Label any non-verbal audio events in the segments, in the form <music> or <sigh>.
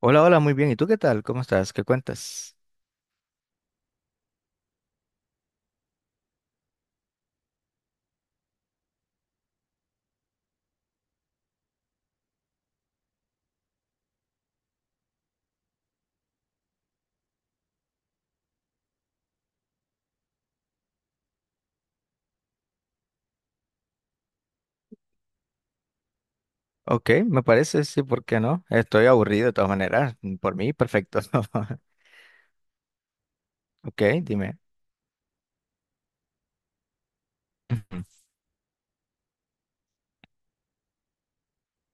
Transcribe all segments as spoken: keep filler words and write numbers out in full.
Hola, hola, muy bien. ¿Y tú qué tal? ¿Cómo estás? ¿Qué cuentas? Ok, me parece, sí, ¿por qué no? Estoy aburrido de todas maneras. Por mí, perfecto. <laughs> Ok, dime. Ujú.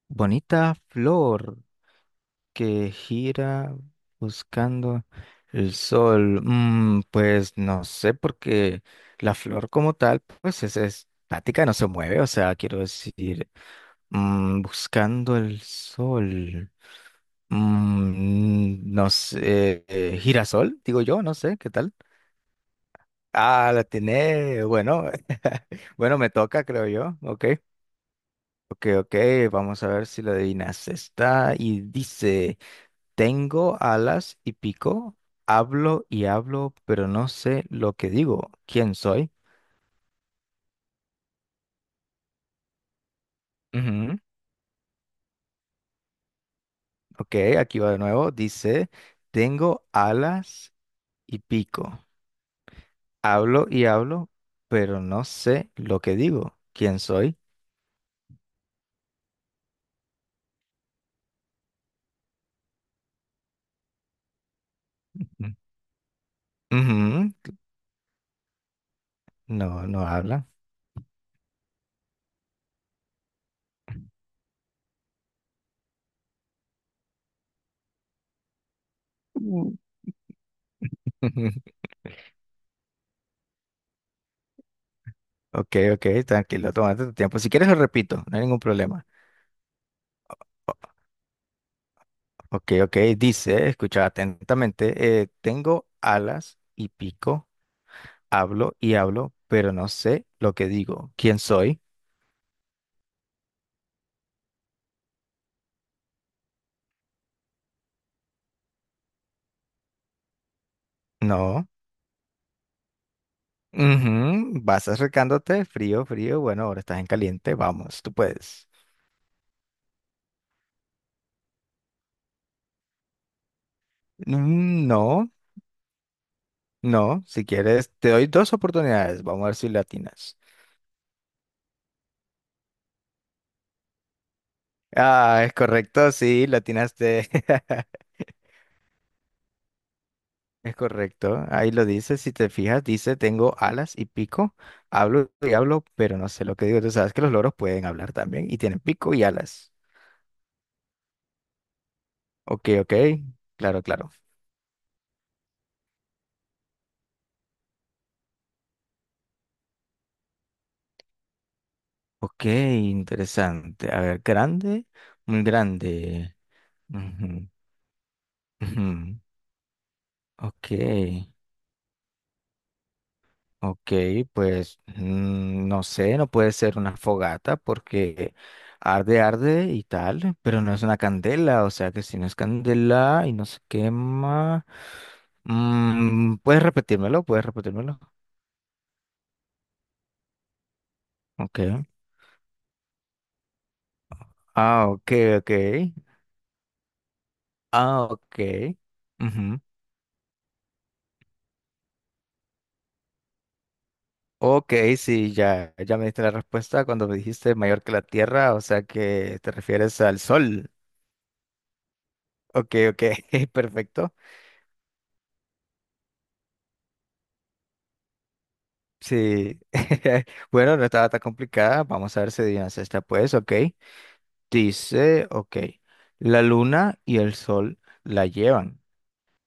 Bonita flor que gira buscando el sol. Mm, pues no sé, porque la flor como tal, pues es, es estática, no se mueve. O sea, quiero decir, mm, buscando el sol. Mm, no sé, eh, eh, girasol, digo yo, no sé, ¿qué tal? Ah, la tiene. Bueno, <laughs> bueno, me toca, creo yo. Ok, ok, ok. Vamos a ver si la adivinas. Está y dice: Tengo alas y pico, hablo y hablo, pero no sé lo que digo. ¿Quién soy? Ujú. Ok, aquí va de nuevo. Dice: Tengo alas y pico, hablo y hablo, pero no sé lo que digo. ¿Quién soy? <laughs> Ujú, ujú. No, no habla. Mm. <laughs> Ok, ok, tranquilo, tómate tu tiempo. Si quieres lo repito, no hay ningún problema. Ok, ok, dice, escucha atentamente, eh, tengo alas y pico, hablo y hablo, pero no sé lo que digo. ¿Quién soy? No. Ujú, vas acercándote, frío, frío, bueno, ahora estás en caliente, vamos, tú puedes. Mm, no, no, si quieres, te doy dos oportunidades, vamos a ver si latinas. Ah, es correcto, sí, latinaste. <laughs> Es correcto, ahí lo dice, si te fijas, dice, tengo alas y pico, hablo y hablo, pero no sé lo que digo, tú sabes que los loros pueden hablar también y tienen pico y alas. Ok, ok, claro, claro. Ok, interesante. A ver, grande, muy grande. Ujú, ujú. Ok, ok, pues mm, no sé, no puede ser una fogata porque arde, arde y tal, pero no es una candela, o sea que si no es candela y no se quema, mm, puedes repetírmelo, puedes repetírmelo. Ok, ah, ok, ok, ah, ok. Ujú. Ok, sí, ya, ya me diste la respuesta cuando me dijiste mayor que la Tierra, o sea que te refieres al Sol. Ok, ok, <laughs> perfecto. Sí, <laughs> bueno, no estaba tan complicada. Vamos a ver si adivinas esta, pues, ok. Dice, ok, la luna y el sol la llevan,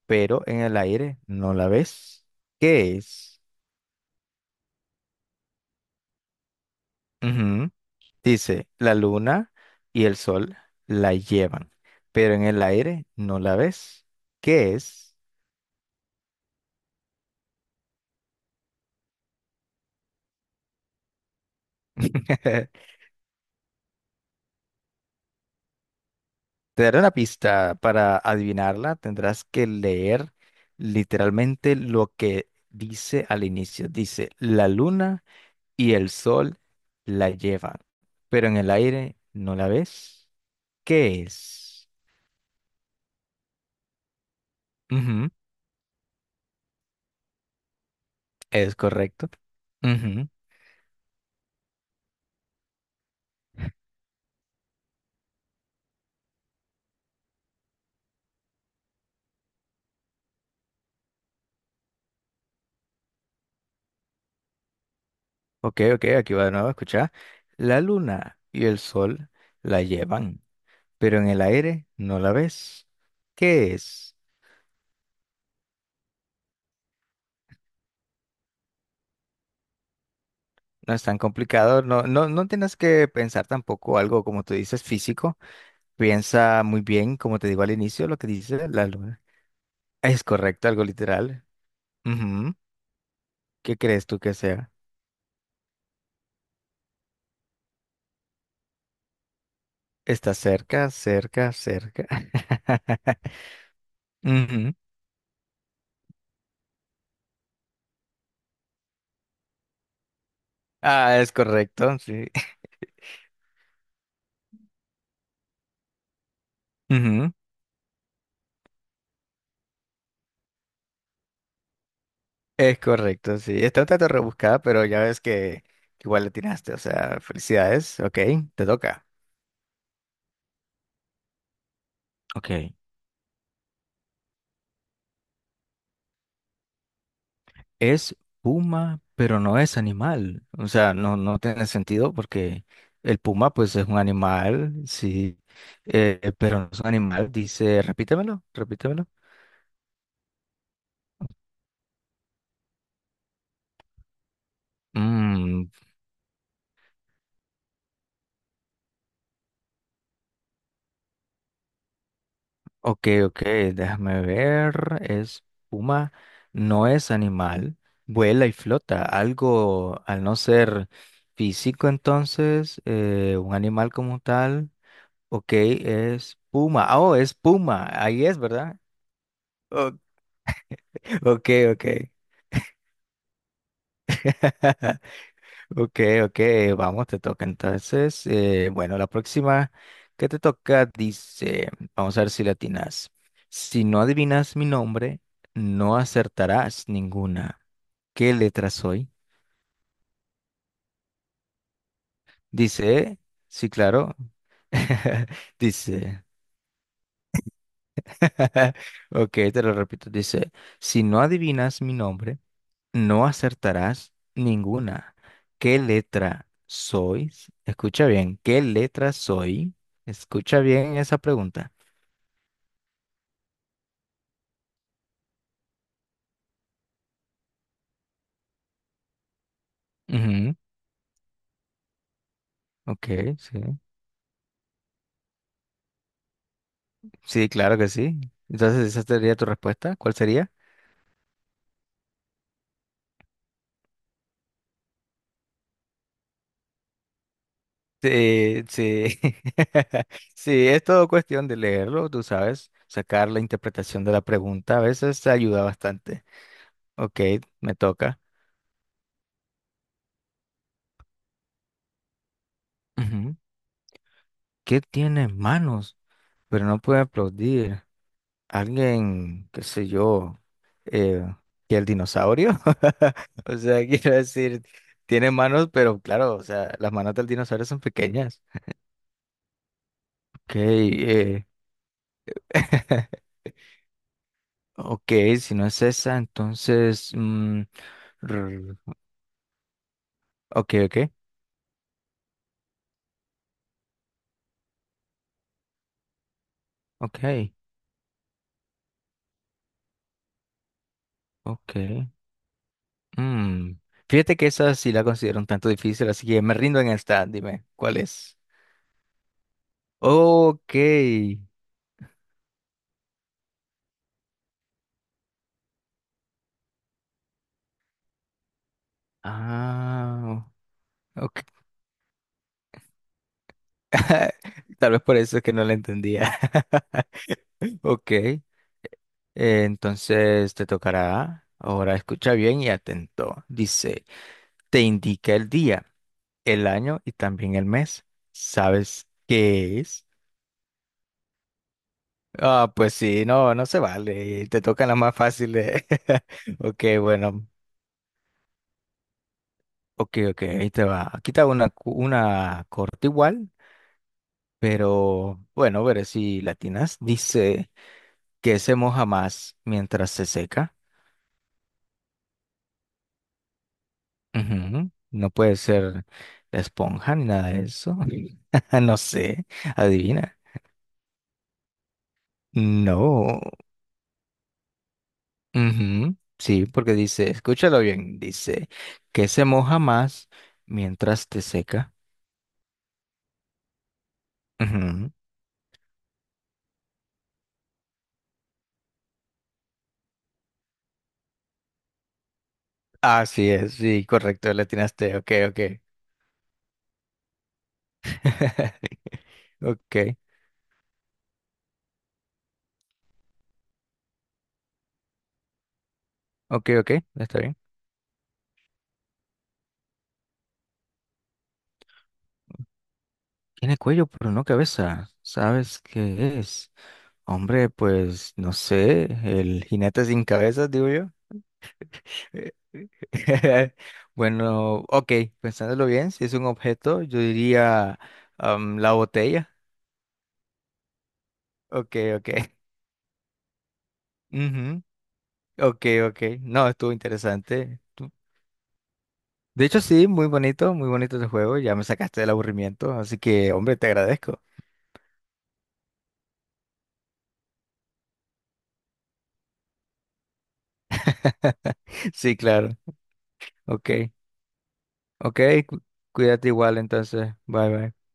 pero en el aire no la ves. ¿Qué es? Ujú. Dice, la luna y el sol la llevan, pero en el aire no la ves. ¿Qué es? <laughs> Te daré una pista. Para adivinarla, tendrás que leer literalmente lo que dice al inicio. Dice, la luna y el sol la llevan, pero en el aire no la ves. ¿Qué es? Ujú, es correcto. Ujú. Ok, ok, aquí va de nuevo, escucha. La luna y el sol la llevan, pero en el aire no la ves. ¿Qué es? No es tan complicado, no, no, no tienes que pensar tampoco algo como tú dices físico, piensa muy bien, como te digo al inicio, lo que dice la luna. Es correcto, algo literal. Ujú. ¿Qué crees tú que sea? Está cerca, cerca, cerca. <laughs> Ujú. Ah, es correcto, sí. <laughs> Ujú. Es correcto, sí. Está un tanto rebuscada, pero ya ves que igual le tiraste, o sea, felicidades, ok, te toca. Ok. Es puma, pero no es animal. O sea, no, no tiene sentido porque el puma, pues, es un animal, sí, eh, eh, pero no es un animal. Dice, repítemelo, repítemelo. Mm, ok, ok, déjame ver. Es puma, no es animal, vuela y flota. Algo, al no ser físico, entonces, eh, un animal como tal. Ok, es puma. Ah, oh, es puma. Ahí es, ¿verdad? <laughs> O- Ok, ok. <laughs> Ok, ok, vamos, te toca entonces. Eh, bueno, la próxima que te toca dice, vamos a ver si la atinas. Si no adivinas mi nombre, no acertarás ninguna. ¿Qué letra soy? Dice, sí, claro. <laughs> Dice, <laughs> ok, te lo repito, dice, si no adivinas mi nombre, no acertarás ninguna. ¿Qué letra sois? Escucha bien, ¿qué letra soy? Escucha bien esa pregunta. Ujú, ok, sí. Sí, claro que sí. Entonces, ¿esa sería tu respuesta? ¿Cuál sería? Sí, sí. <laughs> Sí, es todo cuestión de leerlo, tú sabes, sacar la interpretación de la pregunta. A veces te ayuda bastante. Ok, me toca. Ujú. ¿Qué tiene manos, pero no puede aplaudir? Alguien, qué sé yo, eh, que el dinosaurio. <laughs> O sea, quiero decir, tiene manos, pero claro, o sea, las manos del dinosaurio son pequeñas. Ok, eh, <laughs> ok, si no es esa, entonces, mm, rr, ok, ok, ok, ok. Mm. Fíjate que esa sí la considero un tanto difícil, así que me rindo en esta. Dime, ¿cuál es? Ok. Ah, ok. <laughs> Tal vez por eso es que no la entendía. <laughs> Ok, eh, entonces te tocará. Ahora escucha bien y atento. Dice, te indica el día, el año y también el mes. ¿Sabes qué es? Ah, pues sí, no, no se vale. Te tocan las más fáciles. <laughs> Ok, bueno. Ok, ok, ahí te va. Aquí te hago una, cu- una corta igual, pero bueno, veré si latinas. Dice que se moja más mientras se seca. Ujú, no puede ser la esponja ni nada de eso. <laughs> No sé, adivina. No. Ujú, sí, porque dice, escúchalo bien, dice que se moja más mientras te seca. Ujú, así es, sí, correcto, le atinaste, ok, ok. <laughs> Ok, ok, ok, está bien. Tiene cuello, pero no cabeza. ¿Sabes qué es? Hombre, pues no sé, el jinete sin cabeza, digo yo. Eh, <laughs> bueno, ok, pensándolo bien, si es un objeto, yo diría am, la botella. Ok, ok. <laughs> Ujú, ok, ok. No, estuvo interesante. Tú- De hecho, sí, muy bonito, muy bonito el juego. Ya me sacaste del aburrimiento, así que, hombre, te agradezco. <laughs> Sí, claro. Ok, ok. Cu- Cuídate igual entonces. Bye, bye.